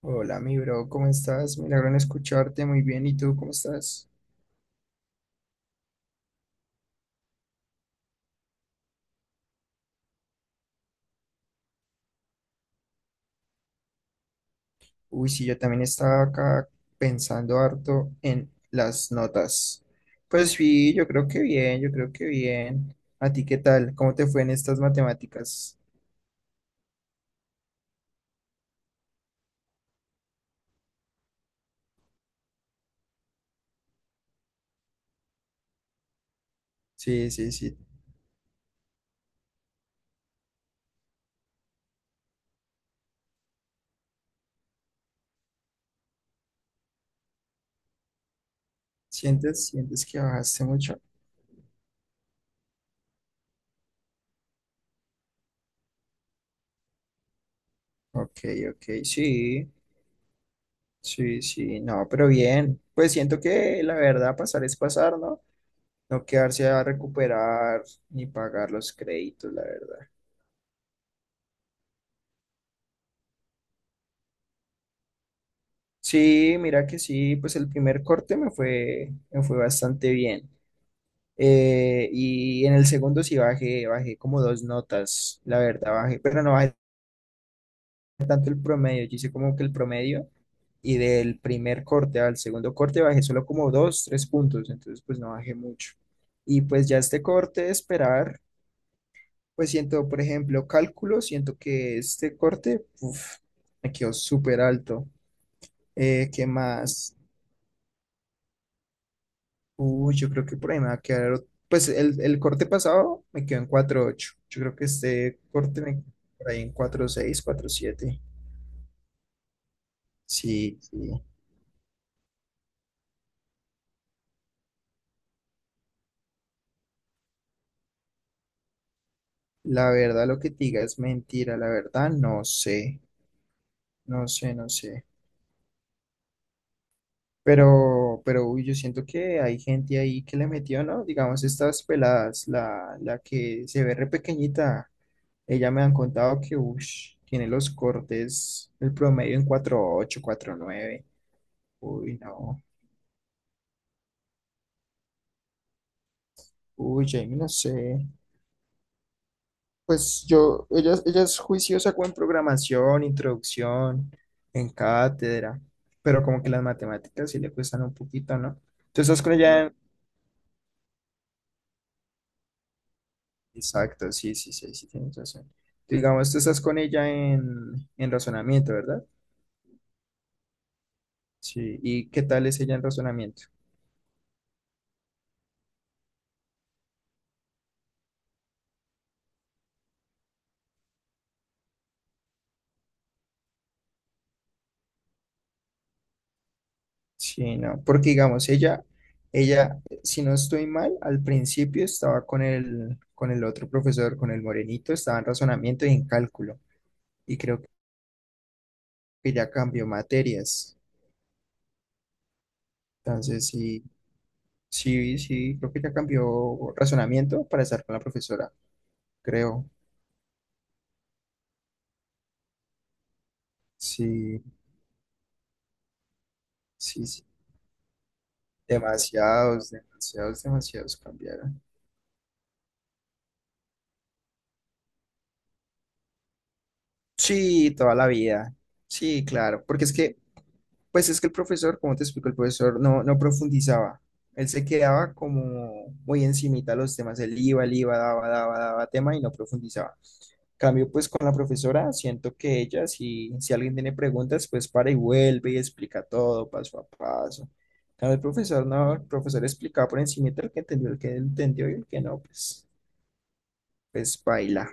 Hola, mi bro, ¿cómo estás? Milagro en escucharte, muy bien. ¿Y tú cómo estás? Uy, sí, yo también estaba acá pensando harto en las notas. Pues sí, yo creo que bien, yo creo que bien. ¿A ti qué tal? ¿Cómo te fue en estas matemáticas? Sí, sí, sí. ¿Sientes que bajaste mucho? Ok, ok, sí, sí, sí, no, pero bien. Pues siento que la verdad pasar es pasar, ¿no? No quedarse a recuperar ni pagar los créditos, la verdad. Sí, mira que sí, pues el primer corte me fue bastante bien. Y en el segundo sí bajé como dos notas, la verdad, bajé, pero no bajé tanto el promedio, yo hice como que el promedio y del primer corte al segundo corte bajé solo como dos, tres puntos, entonces pues no bajé mucho. Y pues ya este corte, esperar, pues siento, por ejemplo, cálculo, siento que este corte, uf, me quedó súper alto. ¿Qué más? Uy, yo creo que por ahí me va a quedar. Pues el corte pasado me quedó en 4.8. Yo creo que este corte me quedó por ahí en 4.6, 4.7. Sí, sí. La verdad, lo que te diga es mentira. La verdad, no sé. No sé, no sé. Pero, uy, yo siento que hay gente ahí que le metió, ¿no? Digamos, estas peladas, la que se ve re pequeñita. Ella me han contado que, uy, tiene los cortes, el promedio en 4.8, 4.9. Uy, no. Uy, Jamie, no sé. Pues yo, ella es juiciosa con programación, introducción, en cátedra, pero como que las matemáticas sí le cuestan un poquito, ¿no? Tú estás con ella. Claro. En. Exacto, sí, sí, sí, sí, tienes razón. Digamos, tú estás con ella en, razonamiento, ¿verdad? Sí. ¿Y qué tal es ella en razonamiento? Sí, no, porque digamos, ella, si no estoy mal, al principio estaba con el otro profesor, con el morenito, estaba en razonamiento y en cálculo. Y creo que ya cambió materias. Entonces, sí, sí, sí, creo que ya cambió razonamiento para estar con la profesora, creo. Sí, sí, sí. Demasiados, demasiados, demasiados cambiaron. Sí, toda la vida. Sí, claro, porque es que, pues es que el profesor, como te explico, el profesor no profundizaba. Él se quedaba como muy encimita a los temas. Él iba, daba, daba, daba tema y no profundizaba. Cambio, pues con la profesora, siento que ella, si alguien tiene preguntas, pues para y vuelve y explica todo paso a paso. Cambio, el profesor no, el profesor explicaba por encimita el que entendió y el que no, pues baila.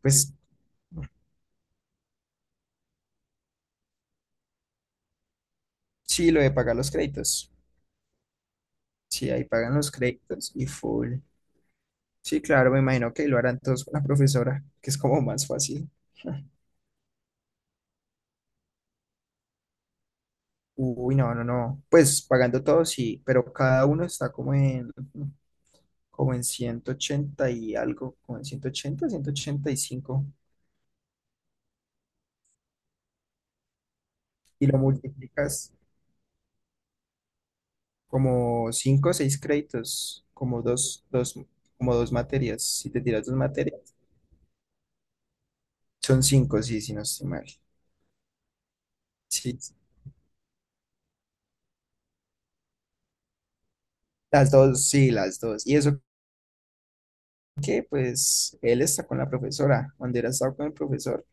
Pues sí, lo de pagar los créditos. Sí, ahí pagan los créditos y full. Sí, claro, me imagino que lo harán todos con la profesora, que es como más fácil. Uy, no, no, no. Pues pagando todo sí, pero cada uno está como en 180 y algo, como en ciento ochenta 185 y lo multiplicas como 5 o 6 créditos, como dos materias. Si te tiras dos materias, son 5 sí, si no estoy mal. Sí, las dos, sí, las dos. Y eso que, pues, él está con la profesora. Cuando era estado con el profesor.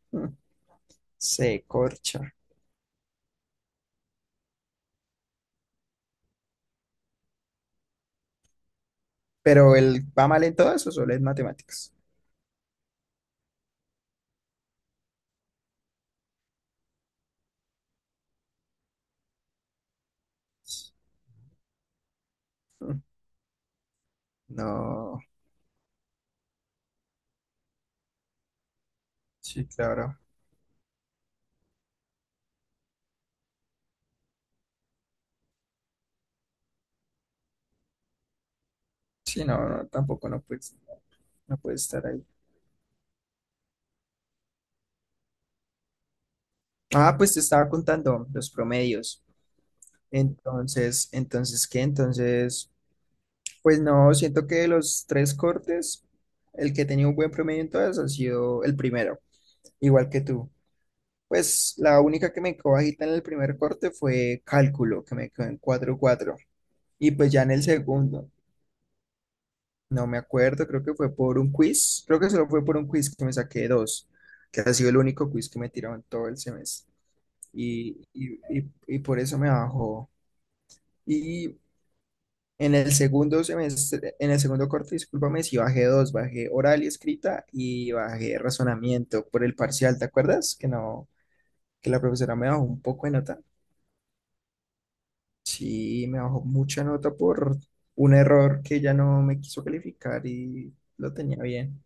Se corcha. Pero él va mal en todo eso, solo es matemáticas. Mm, no, sí, claro. Sí, no, no, tampoco no puede estar ahí. Ah, pues te estaba contando los promedios. Entonces, ¿qué? Entonces, pues no, siento que de los tres cortes, el que tenía un buen promedio en todas ha sido el primero, igual que tú. Pues la única que me quedó bajita en el primer corte fue cálculo, que me quedó en 4 cuatro, y pues ya en el segundo, no me acuerdo, creo que fue por un quiz. Creo que solo fue por un quiz que me saqué dos, que ha sido el único quiz que me tiraron todo el semestre. Y, y, y por eso me bajó. Y en el segundo semestre, en el segundo corte, discúlpame, si bajé dos, bajé oral y escrita y bajé razonamiento por el parcial, ¿te acuerdas? Que no, que la profesora me bajó un poco de nota. Sí, me bajó mucha nota por un error que ella no me quiso calificar y lo tenía bien.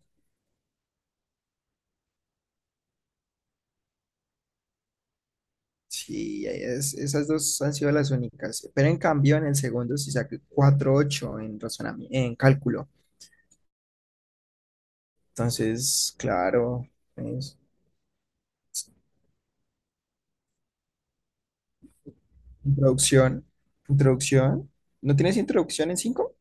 Sí, esas dos han sido las únicas. Pero en cambio, en el segundo sí saqué 4.8 en en cálculo. Entonces, claro, pues, introducción. Introducción. ¿No tienes introducción en 5?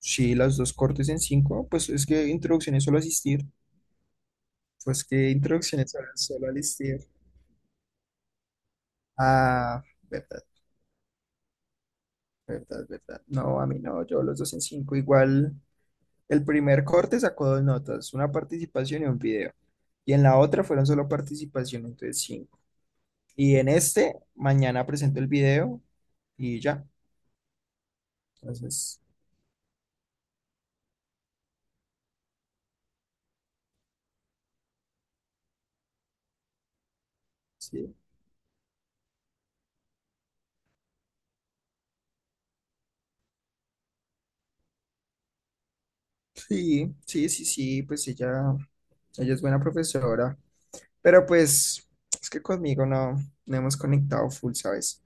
Sí, las dos cortes en 5. Pues es que introducción es solo asistir. Pues que introducción es solo asistir. Ah, verdad, verdad, verdad. No, a mí no, yo los dos en 5 igual. El primer corte sacó dos notas, una participación y un video. Y en la otra fueron solo participación, entonces cinco. Y en este, mañana presento el video y ya. Entonces, sí, sí, sí, sí, sí, pues ella es buena profesora. Pero pues, es que conmigo no, no hemos conectado full, ¿sabes?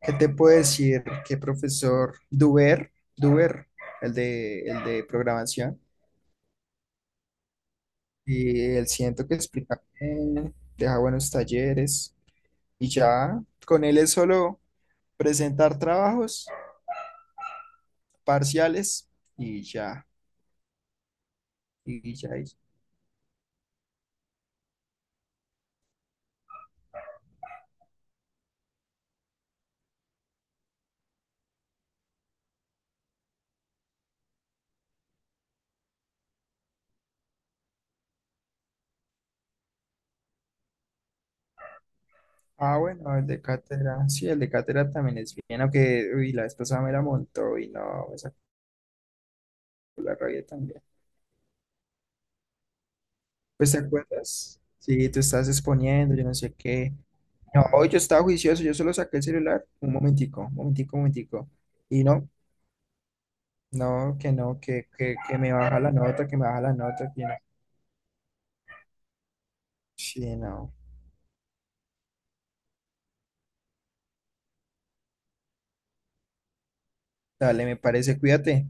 ¿Qué te puedo decir? Que profesor Duber, el de programación. Y él siento que explica bien, deja buenos talleres y ya con él es solo presentar trabajos parciales y ya, y ya. Ah, bueno, el de cátedra, sí, el de cátedra también es bien, aunque uy, la vez pasada me la montó y no, me sacó la rabia también. Pues, ¿te acuerdas? Sí, tú estás exponiendo, yo no sé qué. No, yo estaba juicioso, yo solo saqué el celular, un momentico, un momentico, un momentico. Y no, no, que me baja la nota, que no. Sí, no. Dale, me parece, cuídate.